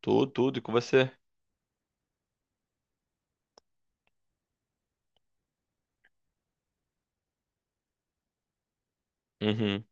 Tudo, tudo. E com você? Uhum.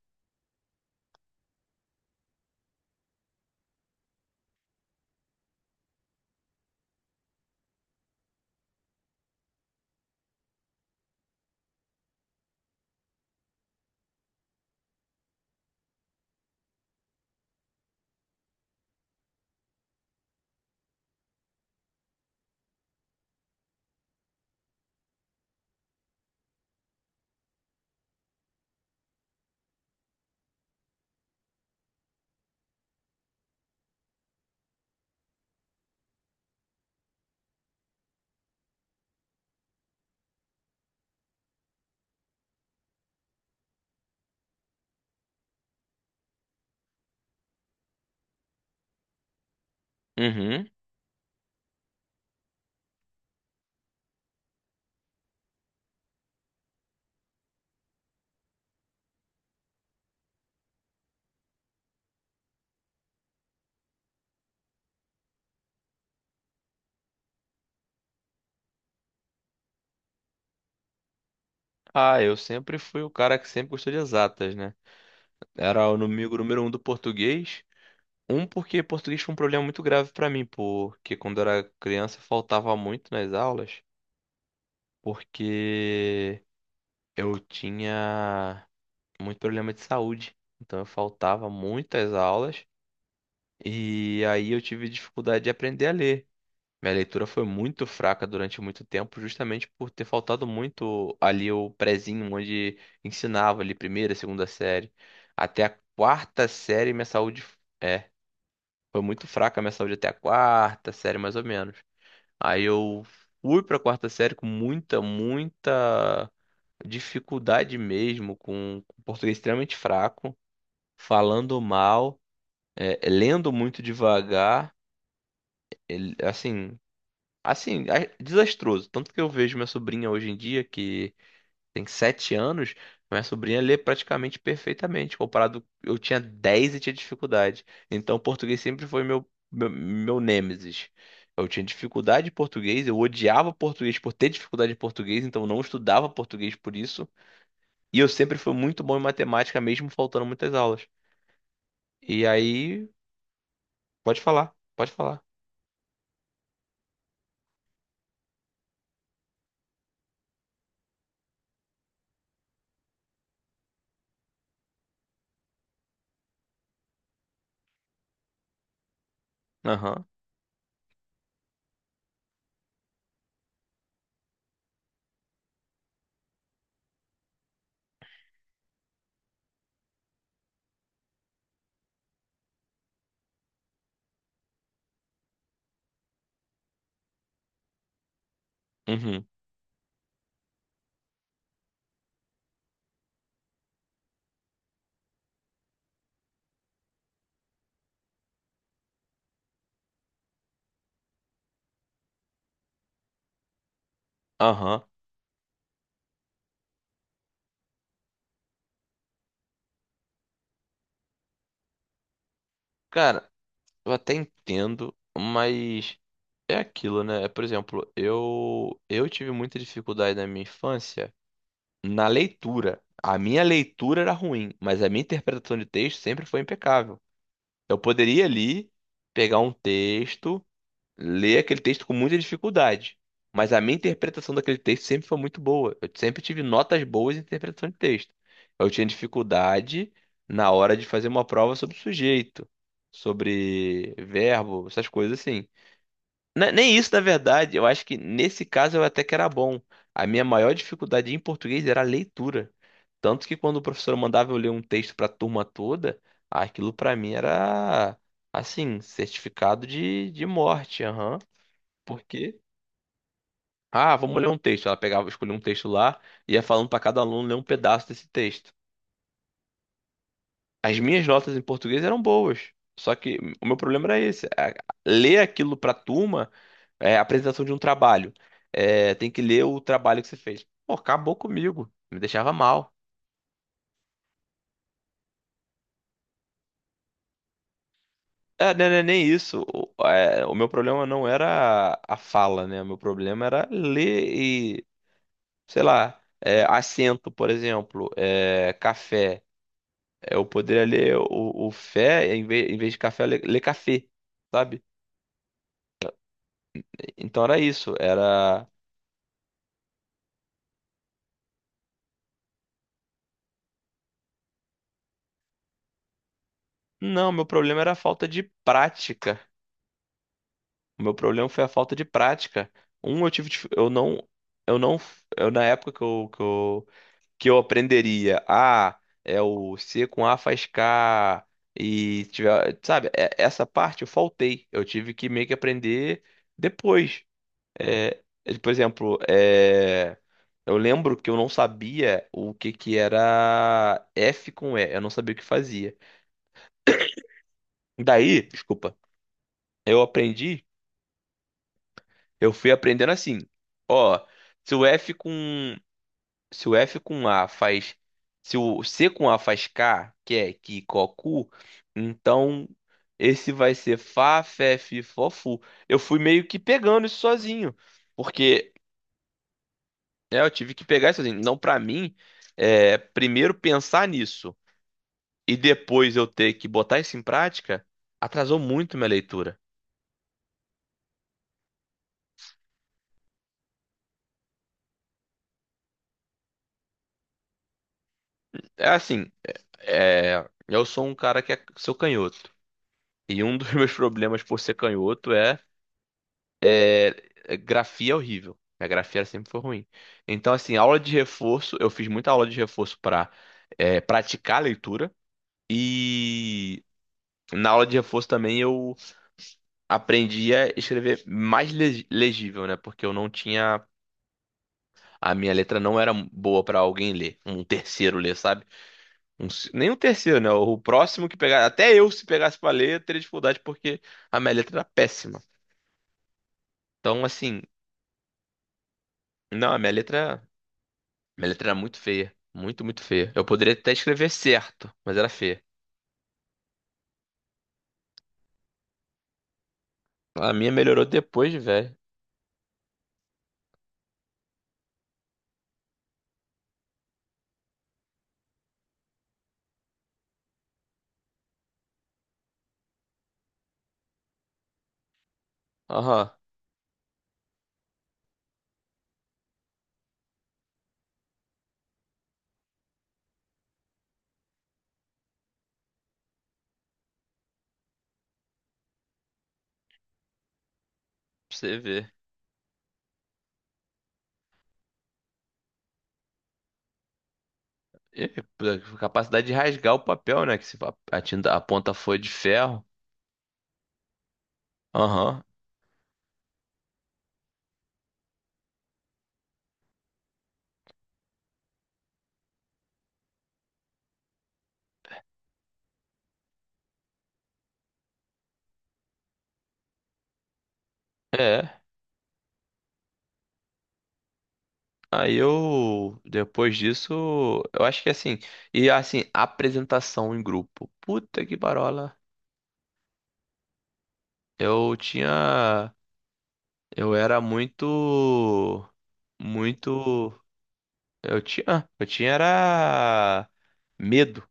Uhum. Ah, eu sempre fui o cara que sempre gostou de exatas, né? Era o inimigo número um do português. Porque português foi um problema muito grave pra mim, porque quando eu era criança eu faltava muito nas aulas, porque eu tinha muito problema de saúde. Então eu faltava muitas aulas e aí eu tive dificuldade de aprender a ler. Minha leitura foi muito fraca durante muito tempo, justamente por ter faltado muito ali o prezinho, onde ensinava ali primeira, segunda série. Até a quarta série, minha saúde é, foi muito fraca a minha saúde até a quarta série, mais ou menos. Aí eu fui pra quarta série com muita, muita dificuldade mesmo, com português extremamente fraco, falando mal, lendo muito devagar. Assim, Assim, desastroso. Tanto que eu vejo minha sobrinha hoje em dia, que tem sete anos, minha sobrinha lê praticamente perfeitamente, comparado eu tinha 10 e tinha dificuldade. Então, o português sempre foi meu nêmesis. Eu tinha dificuldade em português, eu odiava português por ter dificuldade em português, então eu não estudava português por isso. E eu sempre fui muito bom em matemática, mesmo faltando muitas aulas. E aí, pode falar, pode falar. Aham, uhum, aham. Cara, eu até entendo, mas é aquilo, né? Por exemplo, eu tive muita dificuldade na minha infância na leitura. A minha leitura era ruim, mas a minha interpretação de texto sempre foi impecável. Eu poderia ali pegar um texto ler aquele texto com muita dificuldade. Mas a minha interpretação daquele texto sempre foi muito boa. Eu sempre tive notas boas em interpretação de texto. Eu tinha dificuldade na hora de fazer uma prova sobre sujeito, sobre verbo, essas coisas assim. Nem isso, na verdade, eu acho que nesse caso eu até que era bom. A minha maior dificuldade em português era a leitura. Tanto que quando o professor mandava eu ler um texto para a turma toda, aquilo para mim era assim, certificado de morte. Aham. Por quê? Ah, vamos ler um texto. Ela pegava, escolhia um texto lá e ia falando para cada aluno ler um pedaço desse texto. As minhas notas em português eram boas, só que o meu problema era esse. Ler aquilo para a turma é apresentação de um trabalho. É, tem que ler o trabalho que você fez. Pô, acabou comigo. Me deixava mal. É, não é nem isso. O meu problema não era a fala, né? O meu problema era ler e, sei lá, é, assento, por exemplo, é, café. Eu poderia ler o fé, em vez de café, ler café, sabe? Então era isso, era... Não, meu problema era a falta de prática. O meu problema foi a falta de prática. Eu Eu não... Eu não... Eu, na época que eu, que eu, que eu aprenderia, ah, é o C com A faz K, Sabe? Essa parte eu faltei. Eu tive que meio que aprender depois. É, é, por exemplo, é, eu lembro que eu não sabia o que que era F com E, eu não sabia o que fazia. Daí, desculpa, eu aprendi, eu fui aprendendo assim, ó, se o F com, se o F com A faz, se o C com A faz K, que é que cocu, então esse vai ser Fá, Fé, Fi, Fofu. Eu fui meio que pegando isso sozinho, porque é, eu tive que pegar isso assim. Não, pra mim, é, primeiro pensar nisso e depois eu ter que botar isso em prática, atrasou muito minha leitura. É assim, é, eu sou um cara que é, sou canhoto. E um dos meus problemas por ser canhoto é, é grafia é horrível. Minha grafia sempre foi ruim. Então, assim, aula de reforço, eu fiz muita aula de reforço pra é, praticar a leitura. E na aula de reforço também eu aprendi a escrever mais legível, né? Porque eu não tinha. A minha letra não era boa pra alguém ler. Um terceiro ler, sabe? Nem um terceiro, né? O próximo que pegar. Até eu, se pegasse pra ler, eu teria dificuldade porque a minha letra era péssima. Então, assim. Não, a minha letra. Minha letra era muito feia. Muito, muito feia. Eu poderia até escrever certo, mas era feia. A minha melhorou depois, velho. Aham. Pra você ver. E, pô, capacidade de rasgar o papel, né? Que se a tinta, a ponta foi de ferro. Aham. É, aí eu, depois disso, eu acho que assim, e assim, apresentação em grupo, puta que parola, eu tinha, eu era muito, muito, eu tinha era medo,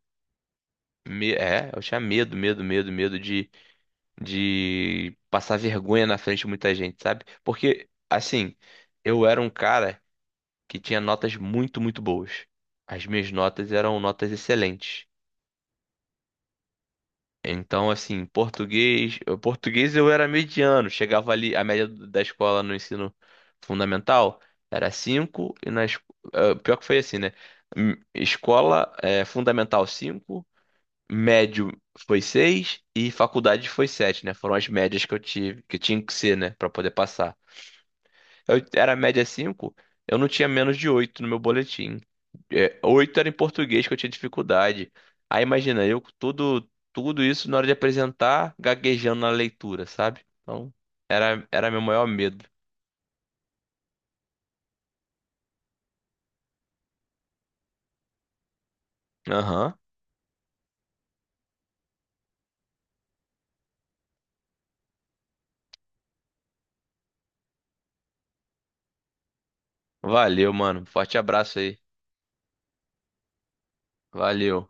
É, eu tinha medo, medo de passar vergonha na frente de muita gente, sabe? Porque, assim, eu era um cara que tinha notas muito, muito boas, as minhas notas eram notas excelentes. Então, assim, português eu era mediano, chegava ali, da escola no ensino fundamental era 5 eh, pior que foi assim, né? Escola eh, fundamental 5, médio foi 6 e faculdade foi sete, né? Foram as médias que eu tive, que tinha que ser, né, pra poder passar eu era média 5 eu não tinha menos de 8 no meu boletim. É, 8 era em português que eu tinha dificuldade. Aí imagina, eu com tudo, tudo isso na hora de apresentar, gaguejando na leitura, sabe? Então, era, era meu maior medo. Aham. Valeu, mano. Forte abraço aí. Valeu.